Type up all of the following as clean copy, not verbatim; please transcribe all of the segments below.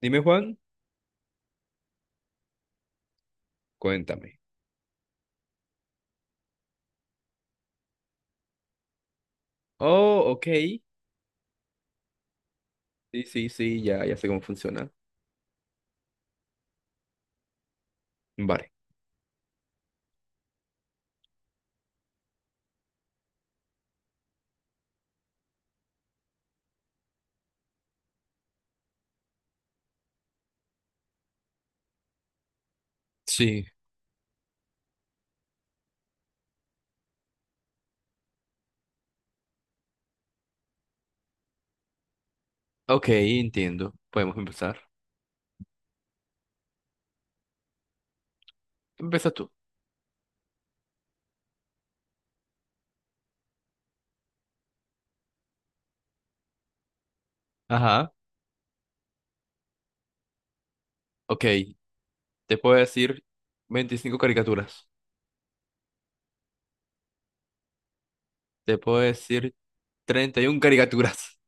Dime, Juan, cuéntame. Oh, ok. Sí, sí, sí, ya, ya sé cómo funciona. Vale. Sí. Ok, entiendo. Podemos empezar. Empieza tú. Ajá. Ok. Te puedo decir 25 caricaturas. Te puedo decir 31 caricaturas.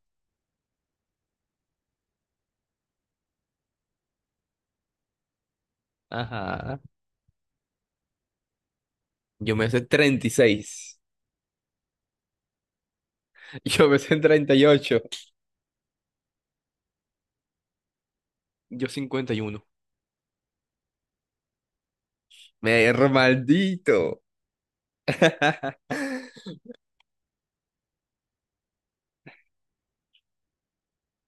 Ajá. Yo me sé 36. Yo me sé 38. Yo 51. Me maldito.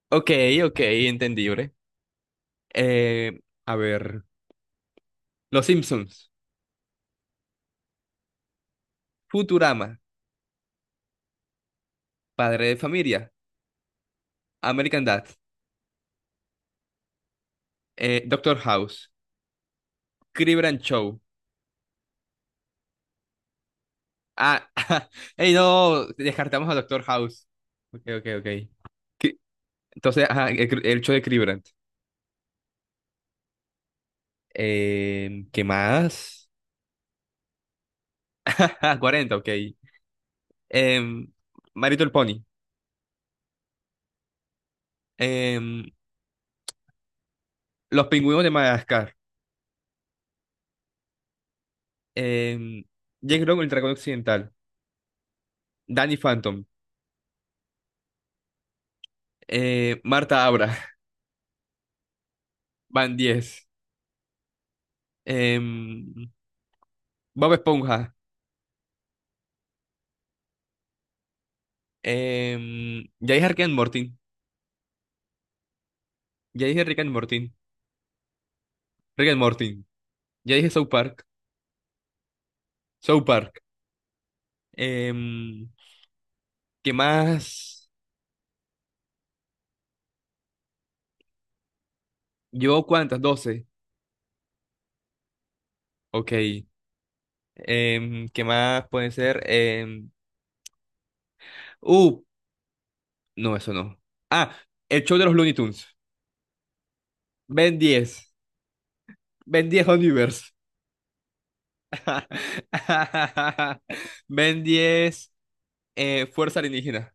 Ok, ok, entendible. Eh, a ver. Los Simpsons. Futurama, Padre de Familia, American Dad, Doctor House, Crib and Show. Ah, hey, no, descartamos a Doctor House. Ok, ok, ok. Cri- Entonces, ajá, el show de Cribrand. ¿Qué más? 40, 40, ok. Em, My Little Pony. Em, Los Pingüinos de Madagascar. Em, Jack Long, el Dragón Occidental. Danny Phantom. Marta Abra. Van 10. Bob Esponja. Ya dije Rick and Morty. Ya dije Rick and Morty. Rick and Morty. Ya dije South Park. South Park. Em, ¿qué más? ¿Llevo cuántas? 12. Ok. ¿Qué más puede ser? Uh, no, eso no. Ah, el show de los Looney Tunes. Ben 10. Ben 10 Universe. Ben 10, Fuerza Alienígena.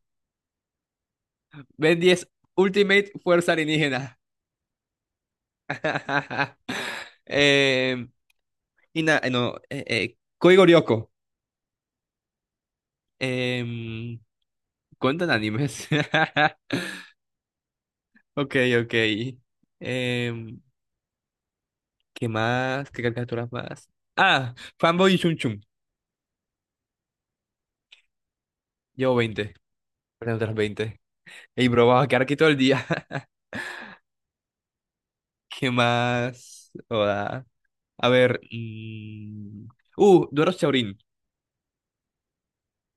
Ben 10 Ultimate Fuerza Alienígena. Em, いな、あの、え、え、恋語旅行。¿Cuentan animes? Ok, ok. Em, ¿qué más? ¿Qué caricaturas más? Ah, Fanboy y Chun Chun. Llevo 20. Perdón, otras 20. Ey, bro, vamos a quedar aquí todo el día. ¿Qué más? Hola. A ver. Doro Chaurín.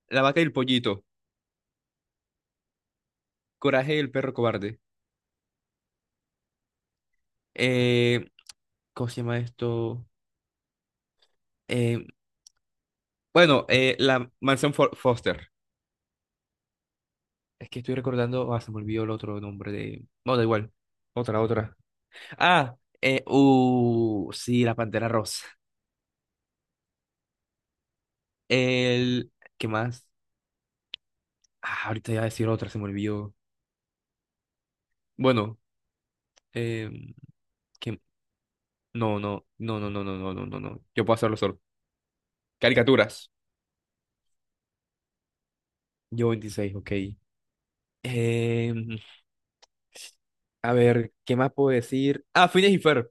La vaca y el pollito. Coraje y el perro cobarde. Eh, ¿cómo se llama esto? Eh, bueno, la mansión Foster. Es que estoy recordando, ah, se me olvidó el otro nombre de. No, da igual. Otra, otra. Ah, sí, la Pantera Rosa. El. ¿Qué más? Ah, ahorita iba a decir otra, se me olvidó. Bueno, eh, que. No, no, no, no, no, no, no, no, no, no. Yo puedo hacerlo solo. Caricaturas. Yo 26, ok. Em, a ver, ¿qué más puedo decir? Ah, Phineas y Ferb.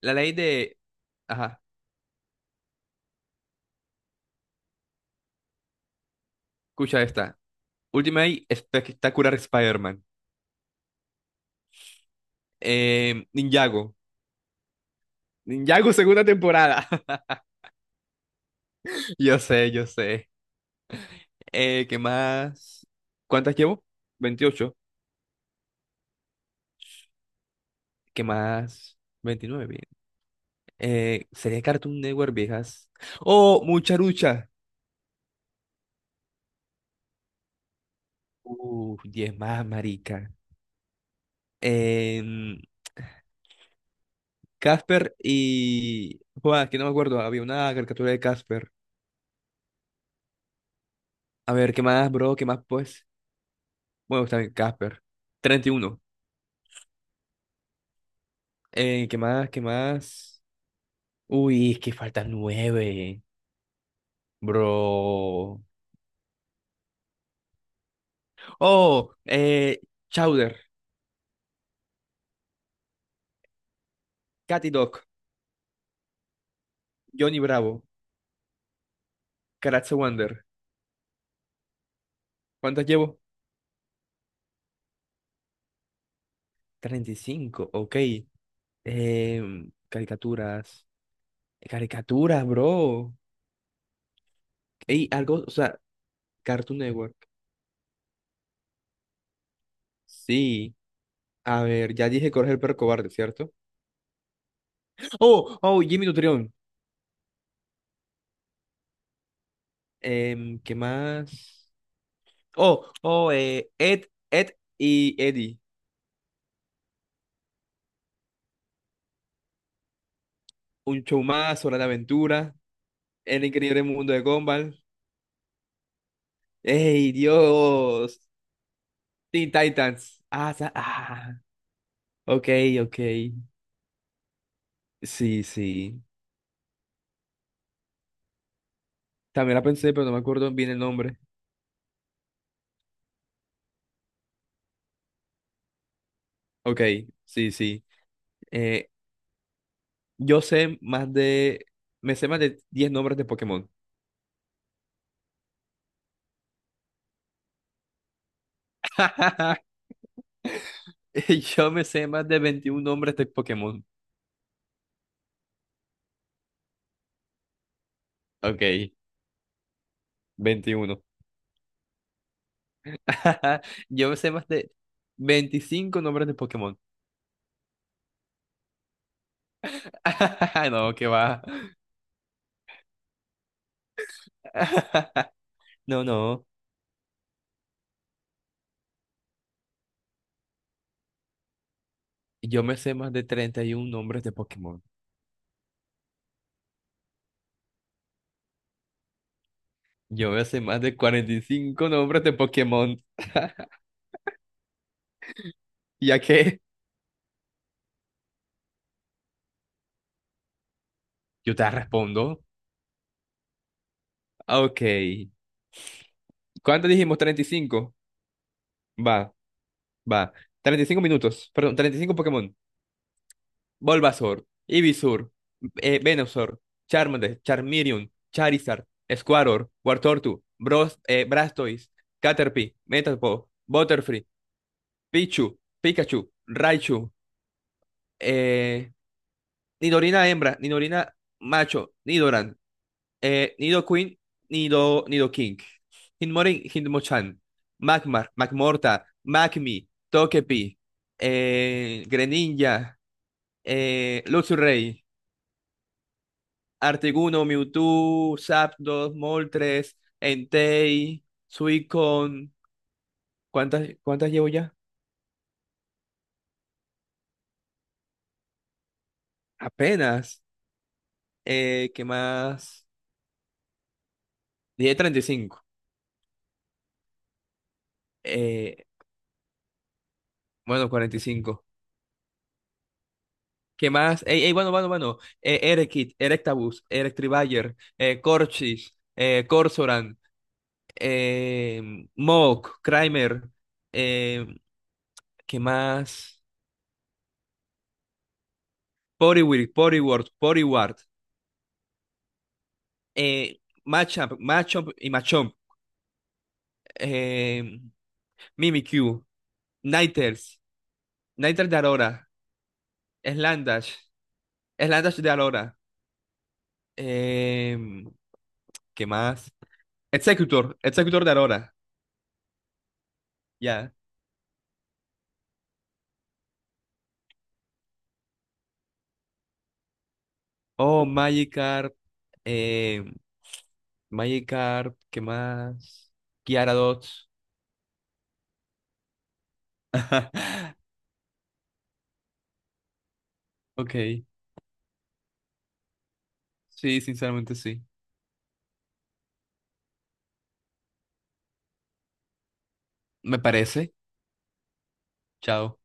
La ley de. Ajá, escucha esta. Ultimate Spectacular Spider-Man. Ninjago. Ninjago, segunda temporada. Yo sé, yo sé. ¿Qué más? ¿Cuántas llevo? 28. ¿Qué más? 29, bien. ¿Sería Cartoon Network, viejas? Oh, mucha lucha. 10 más, marica. Em, Casper y. Joder, que no me acuerdo. Había una caricatura de Casper. A ver, ¿qué más, bro? ¿Qué más, pues? Bueno, está bien, Casper. 31. ¿Qué más? ¿Qué más? Uy, es que faltan 9. Bro. Oh, Chowder, Catty Dog, Johnny Bravo, Karatse Wonder. ¿Cuántas llevo? 35, ok. Caricaturas. Caricaturas, bro. Ey, algo, o sea, Cartoon Network. Sí. A ver, ya dije Coraje el perro cobarde, ¿cierto? Oh, oh, Jimmy Nutrión. ¿Qué más? Oh, oh, Ed, Ed y Eddie. Un show más, Hora de Aventura. El increíble mundo de Gumball. ¡Ey, Dios! Teen Titans. Ah, ah. Ok, ok. Sí, sí. También la pensé, pero no me acuerdo bien el nombre. Ok, sí, sí. Eh, yo sé más de. Me sé más de 10 nombres de Pokémon. Yo me sé más de 21 nombres de Pokémon. Ok, 21. Yo me sé más de 25 nombres de Pokémon. No, que va. No, no. Yo me sé más de 31 nombres de Pokémon. Yo me sé más de 45 nombres de Pokémon. ¿Ya que? Yo te respondo. Ok. ¿Cuánto dijimos? 35. Va, va. 35 minutos. Perdón, 35 Pokémon. Bulbasaur, Ivysaur, Venusaur, Charmander, Charmeleon, Charizard, Squirtle, Wartortu, Bros, Blastoise, Caterpie, Metapod, Butterfree, Pichu, Pikachu, Raichu, eh, Nidorina hembra, Nidorina macho, Nidoran, Nido Queen, Nido, Nido King, Hinmorin, Hinmochan, Magmar, Magmorta, Magmi, Togepi, Greninja, Luxray, Artiguno, Mewtwo, Zapdos, Moltres, Entei, Suicon. ¿Cuántas llevo ya? Apenas. ¿Qué más? Dije 35. Eh, bueno, 45. ¿Qué más? Ey, ey, bueno, bueno, bueno. Erekit, Erectabuzz, Electribuyer, Corchis, Corsoran, Mawk, Kramer, eh, ¿qué más? Poriwhirl, Poriworth, Poriwart, Machamp, Machamp y Machamp, eh, Mimikyu, Ninetales, Ninetales de Aurora, Slandash, Slandash de Aurora, eh, ¿qué más? Executor, Executor de Aurora, ya. Oh, Magikarp, eh, Magikarp, ¿qué más? Gyarados. Ok, sí, sinceramente sí. Me parece. Chao.